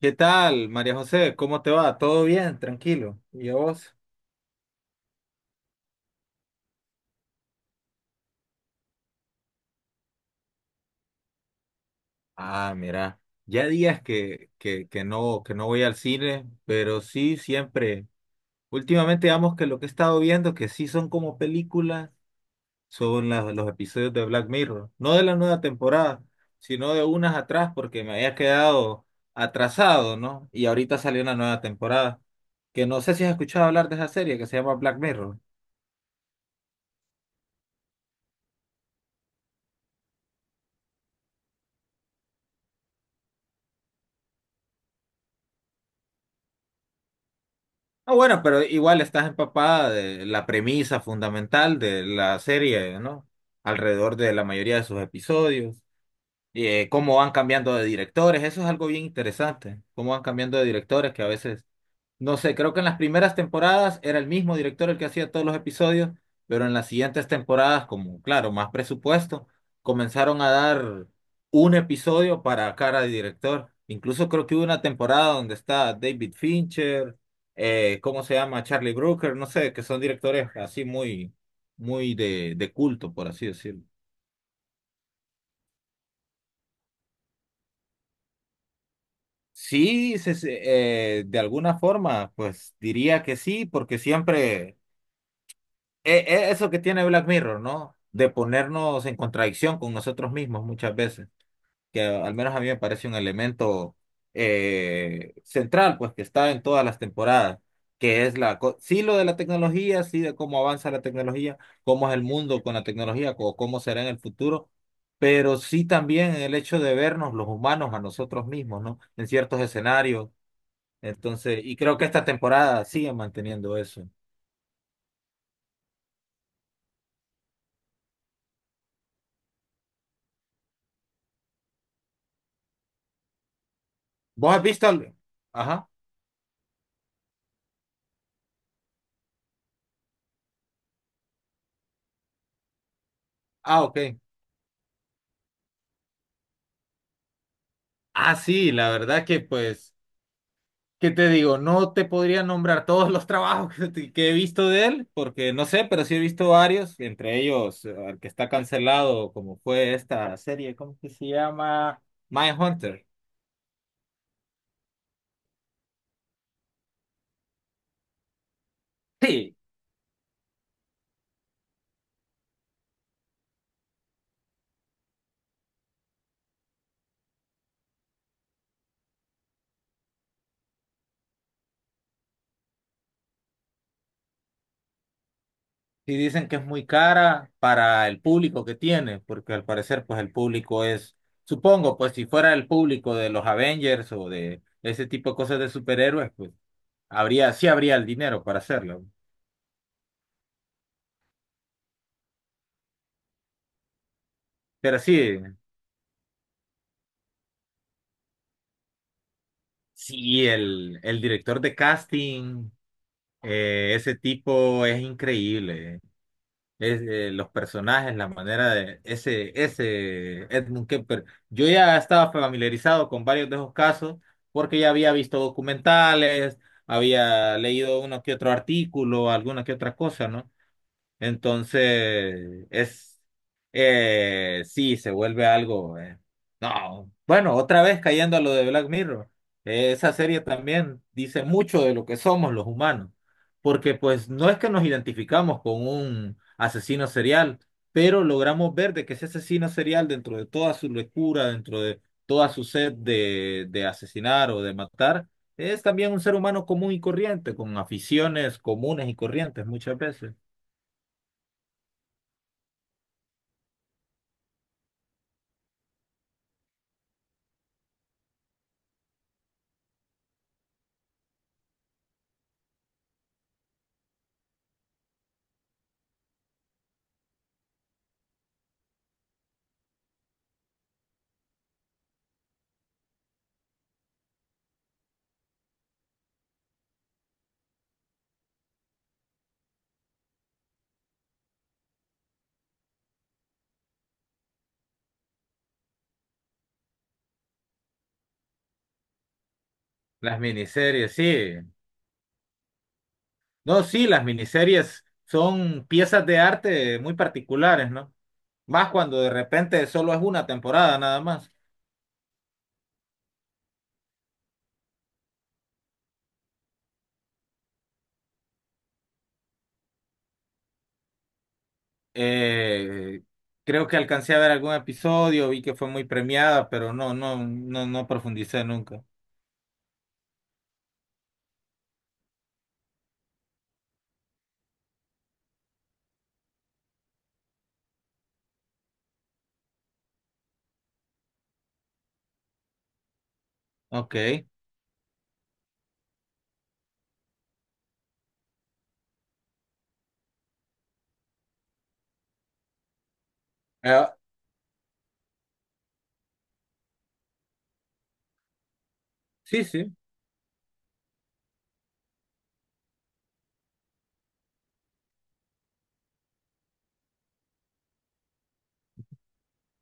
¿Qué tal, María José? ¿Cómo te va? ¿Todo bien? Tranquilo. ¿Y a vos? Ah, mira, ya días que no voy al cine, pero sí siempre. Últimamente, digamos que lo que he estado viendo, que sí son como películas, son los episodios de Black Mirror. No de la nueva temporada, sino de unas atrás, porque me había quedado atrasado, ¿no? Y ahorita salió una nueva temporada. Que no sé si has escuchado hablar de esa serie que se llama Black Mirror. Ah, bueno, pero igual estás empapada de la premisa fundamental de la serie, ¿no? Alrededor de la mayoría de sus episodios, y cómo van cambiando de directores, eso es algo bien interesante, cómo van cambiando de directores que a veces no sé, creo que en las primeras temporadas era el mismo director el que hacía todos los episodios, pero en las siguientes temporadas, como claro, más presupuesto, comenzaron a dar un episodio para cada director. Incluso creo que hubo una temporada donde está David Fincher, ¿cómo se llama? Charlie Brooker, no sé, que son directores así muy, muy de culto, por así decirlo. Sí, de alguna forma, pues diría que sí, porque siempre eso que tiene Black Mirror, ¿no? De ponernos en contradicción con nosotros mismos muchas veces, que al menos a mí me parece un elemento central, pues que está en todas las temporadas, que es sí lo de la tecnología, sí de cómo avanza la tecnología, cómo es el mundo con la tecnología, o cómo será en el futuro, pero sí también el hecho de vernos los humanos a nosotros mismos, ¿no? En ciertos escenarios. Entonces, y creo que esta temporada sigue manteniendo eso. ¿Vos has visto? Ajá. Ah, ok. Ah, sí, la verdad que pues, ¿qué te digo? No te podría nombrar todos los trabajos que he visto de él, porque no sé, pero sí he visto varios, entre ellos el que está cancelado, como fue esta serie, ¿cómo que se llama? Mindhunter. Sí, sí, dicen que es muy cara para el público que tiene, porque al parecer pues el público es, supongo, pues si fuera el público de los Avengers o de ese tipo de cosas de superhéroes, pues habría, sí habría el dinero para hacerlo. Pero sí. Sí, el director de casting, ese tipo es increíble. Es, los personajes, la manera de ese Edmund Kemper. Yo ya estaba familiarizado con varios de esos casos porque ya había visto documentales, había leído uno que otro artículo, alguna que otra cosa, ¿no? Entonces, es, sí, se vuelve algo. No, bueno, otra vez cayendo a lo de Black Mirror. Esa serie también dice mucho de lo que somos los humanos, porque pues no es que nos identificamos con un asesino serial, pero logramos ver de que ese asesino serial, dentro de toda su locura, dentro de toda su sed de asesinar o de matar, es también un ser humano común y corriente, con aficiones comunes y corrientes muchas veces. Las miniseries, sí. No, sí, las miniseries son piezas de arte muy particulares, ¿no? Más cuando de repente solo es una temporada nada más. Eh, creo que alcancé a ver algún episodio, vi que fue muy premiada, pero no profundicé nunca. Ok. Sí, sí.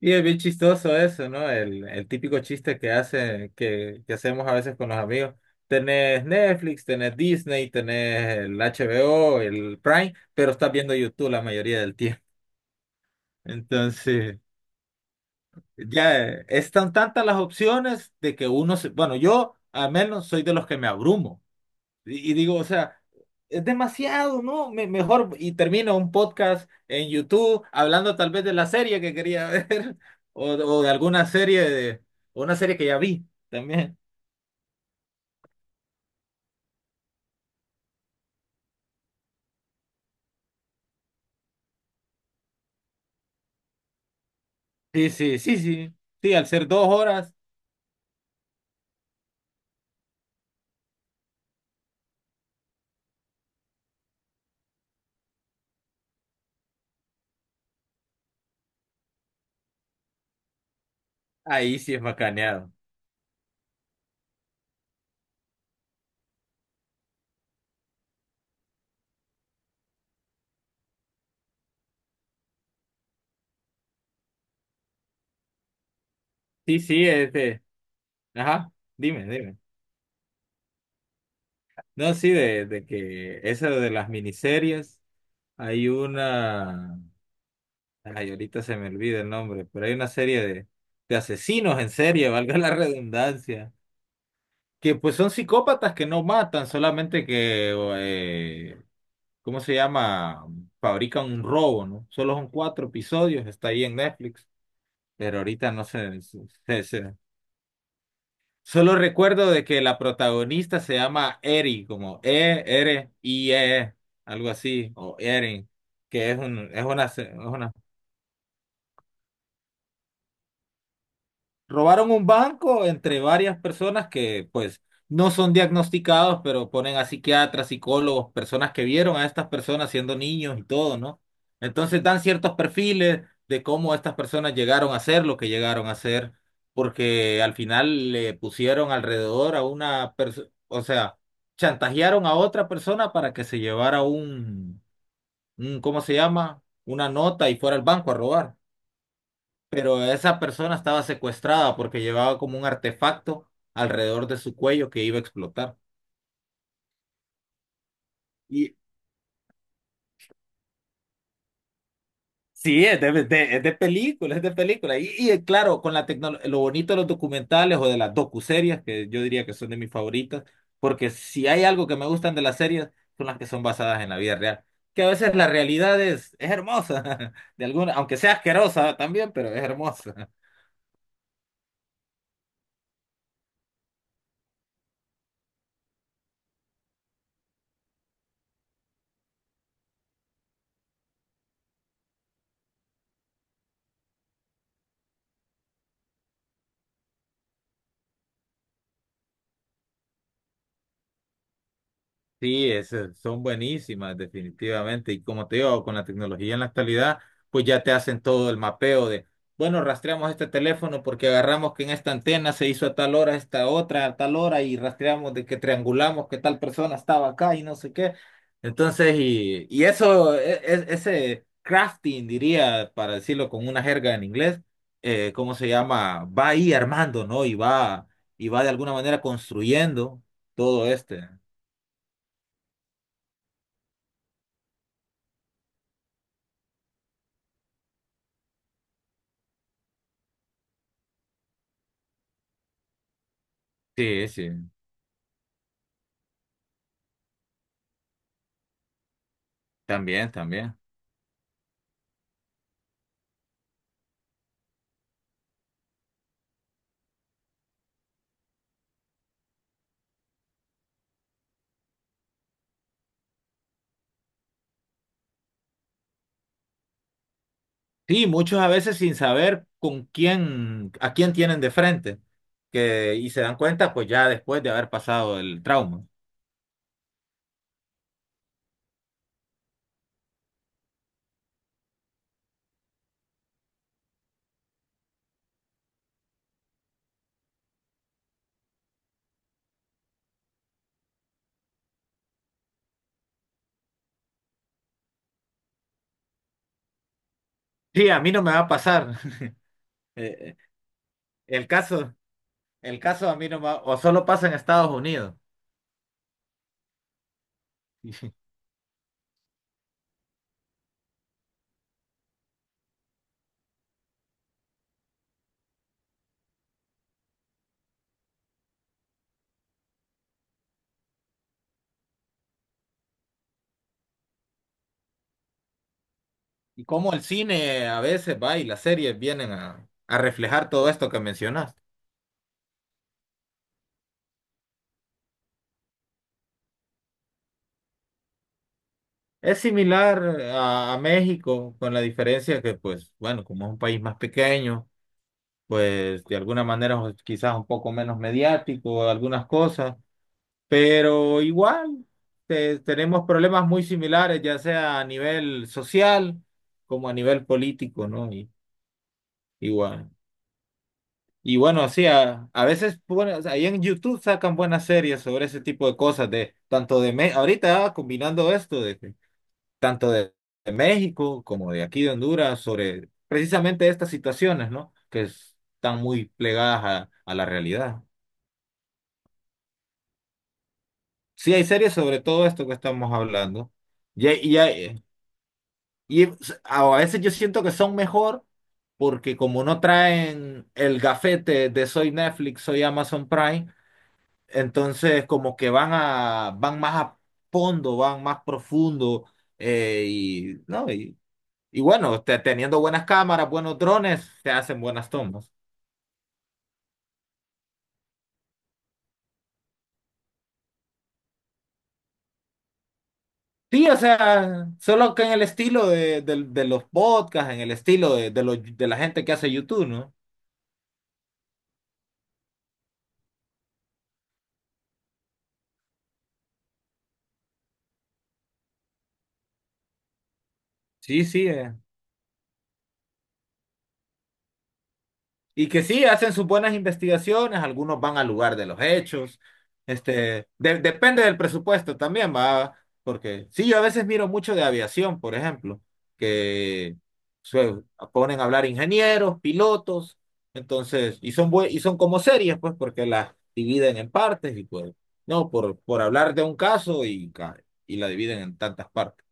Y es bien chistoso eso, ¿no? El típico chiste que hace, que hacemos a veces con los amigos. Tenés Netflix, tenés Disney, tenés el HBO, el Prime, pero estás viendo YouTube la mayoría del tiempo. Entonces, ya están tantas las opciones de que uno se, bueno, yo al menos soy de los que me abrumo. Y digo, o sea, es demasiado, ¿no? Mejor, y termino un podcast en YouTube hablando tal vez de la serie que quería ver o de alguna serie de, o una serie que ya vi también. Sí, sí, sí, sí. Sí, al ser dos horas, ahí sí es macaneado. Sí, sí, este. Ajá, dime, dime. No, sí, de que eso de las miniseries, hay una. Ay, ahorita se me olvida el nombre, pero hay una serie de asesinos en serie, valga la redundancia que pues son psicópatas que no matan, solamente que, eh, ¿cómo se llama? Fabrican un robo, ¿no? Solo son cuatro episodios, está ahí en Netflix, pero ahorita no sé, solo recuerdo de que la protagonista se llama Eri, como E-R-I-E, algo así, o Erin, que es un, es una Robaron un banco entre varias personas que pues no son diagnosticados, pero ponen a psiquiatras, psicólogos, personas que vieron a estas personas siendo niños y todo, ¿no? Entonces dan ciertos perfiles de cómo estas personas llegaron a ser lo que llegaron a ser, porque al final le pusieron alrededor a una persona, o sea, chantajearon a otra persona para que se llevara un, ¿cómo se llama? Una nota y fuera al banco a robar, pero esa persona estaba secuestrada porque llevaba como un artefacto alrededor de su cuello que iba a explotar. Y sí, es es de película, es de película. Y claro, con la tecnología, lo bonito de los documentales o de las docuseries, que yo diría que son de mis favoritas, porque si hay algo que me gustan de las series, son las que son basadas en la vida real. Que a veces la realidad es hermosa, de alguna, aunque sea asquerosa también, pero es hermosa. Sí, esas son buenísimas, definitivamente. Y como te digo, con la tecnología en la actualidad, pues ya te hacen todo el mapeo de, bueno, rastreamos este teléfono porque agarramos que en esta antena se hizo a tal hora, esta otra, a tal hora, y rastreamos de que triangulamos que tal persona estaba acá y no sé qué. Entonces, y eso, ese crafting, diría, para decirlo con una jerga en inglés, ¿cómo se llama? Va ahí armando, ¿no? Y va de alguna manera construyendo todo este. Sí, sí. También, también. Sí, muchos a veces sin saber con quién, a quién tienen de frente, que, y se dan cuenta pues ya después de haber pasado el trauma. Sí, a mí no me va a pasar. Eh, el caso, el caso a mí no me va, o solo pasa en Estados Unidos. Y cómo el cine a veces va y las series vienen a reflejar todo esto que mencionaste. Es similar a México, con la diferencia que, pues, bueno, como es un país más pequeño. Pues de alguna manera pues, quizás un poco menos mediático, algunas cosas, pero igual tenemos problemas muy similares, ya sea a nivel social como a nivel político, ¿no? Y, igual. Y bueno, sí, a veces, bueno, o sea, ahí en YouTube sacan buenas series sobre ese tipo de cosas, de tanto de ahorita ah, combinando esto de que tanto de México como de aquí de Honduras sobre precisamente estas situaciones, ¿no? Están muy plegadas a la realidad. Sí, hay series sobre todo esto que estamos hablando. Y, hay- y, hay- a veces yo siento que son mejor porque como no traen el gafete de soy Netflix, soy Amazon Prime, entonces como que van más a fondo, van más profundo, ¿no? Y bueno, teniendo buenas cámaras, buenos drones, te hacen buenas tomas. Sí, o sea, solo que en el estilo del de los podcasts, en el estilo de la gente que hace YouTube, ¿no? Sí, sí, eh. Y que sí, hacen sus buenas investigaciones, algunos van al lugar de los hechos, este, depende del presupuesto también, va, porque sí, yo a veces miro mucho de aviación, por ejemplo, que se ponen a hablar ingenieros, pilotos, entonces, y son y son como series, pues, porque las dividen en partes y pues, no, por hablar de un caso y la dividen en tantas partes.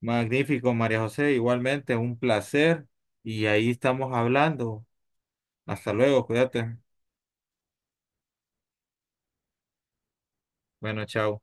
Magnífico, María José, igualmente, un placer, y ahí estamos hablando. Hasta luego, cuídate. Bueno, chao.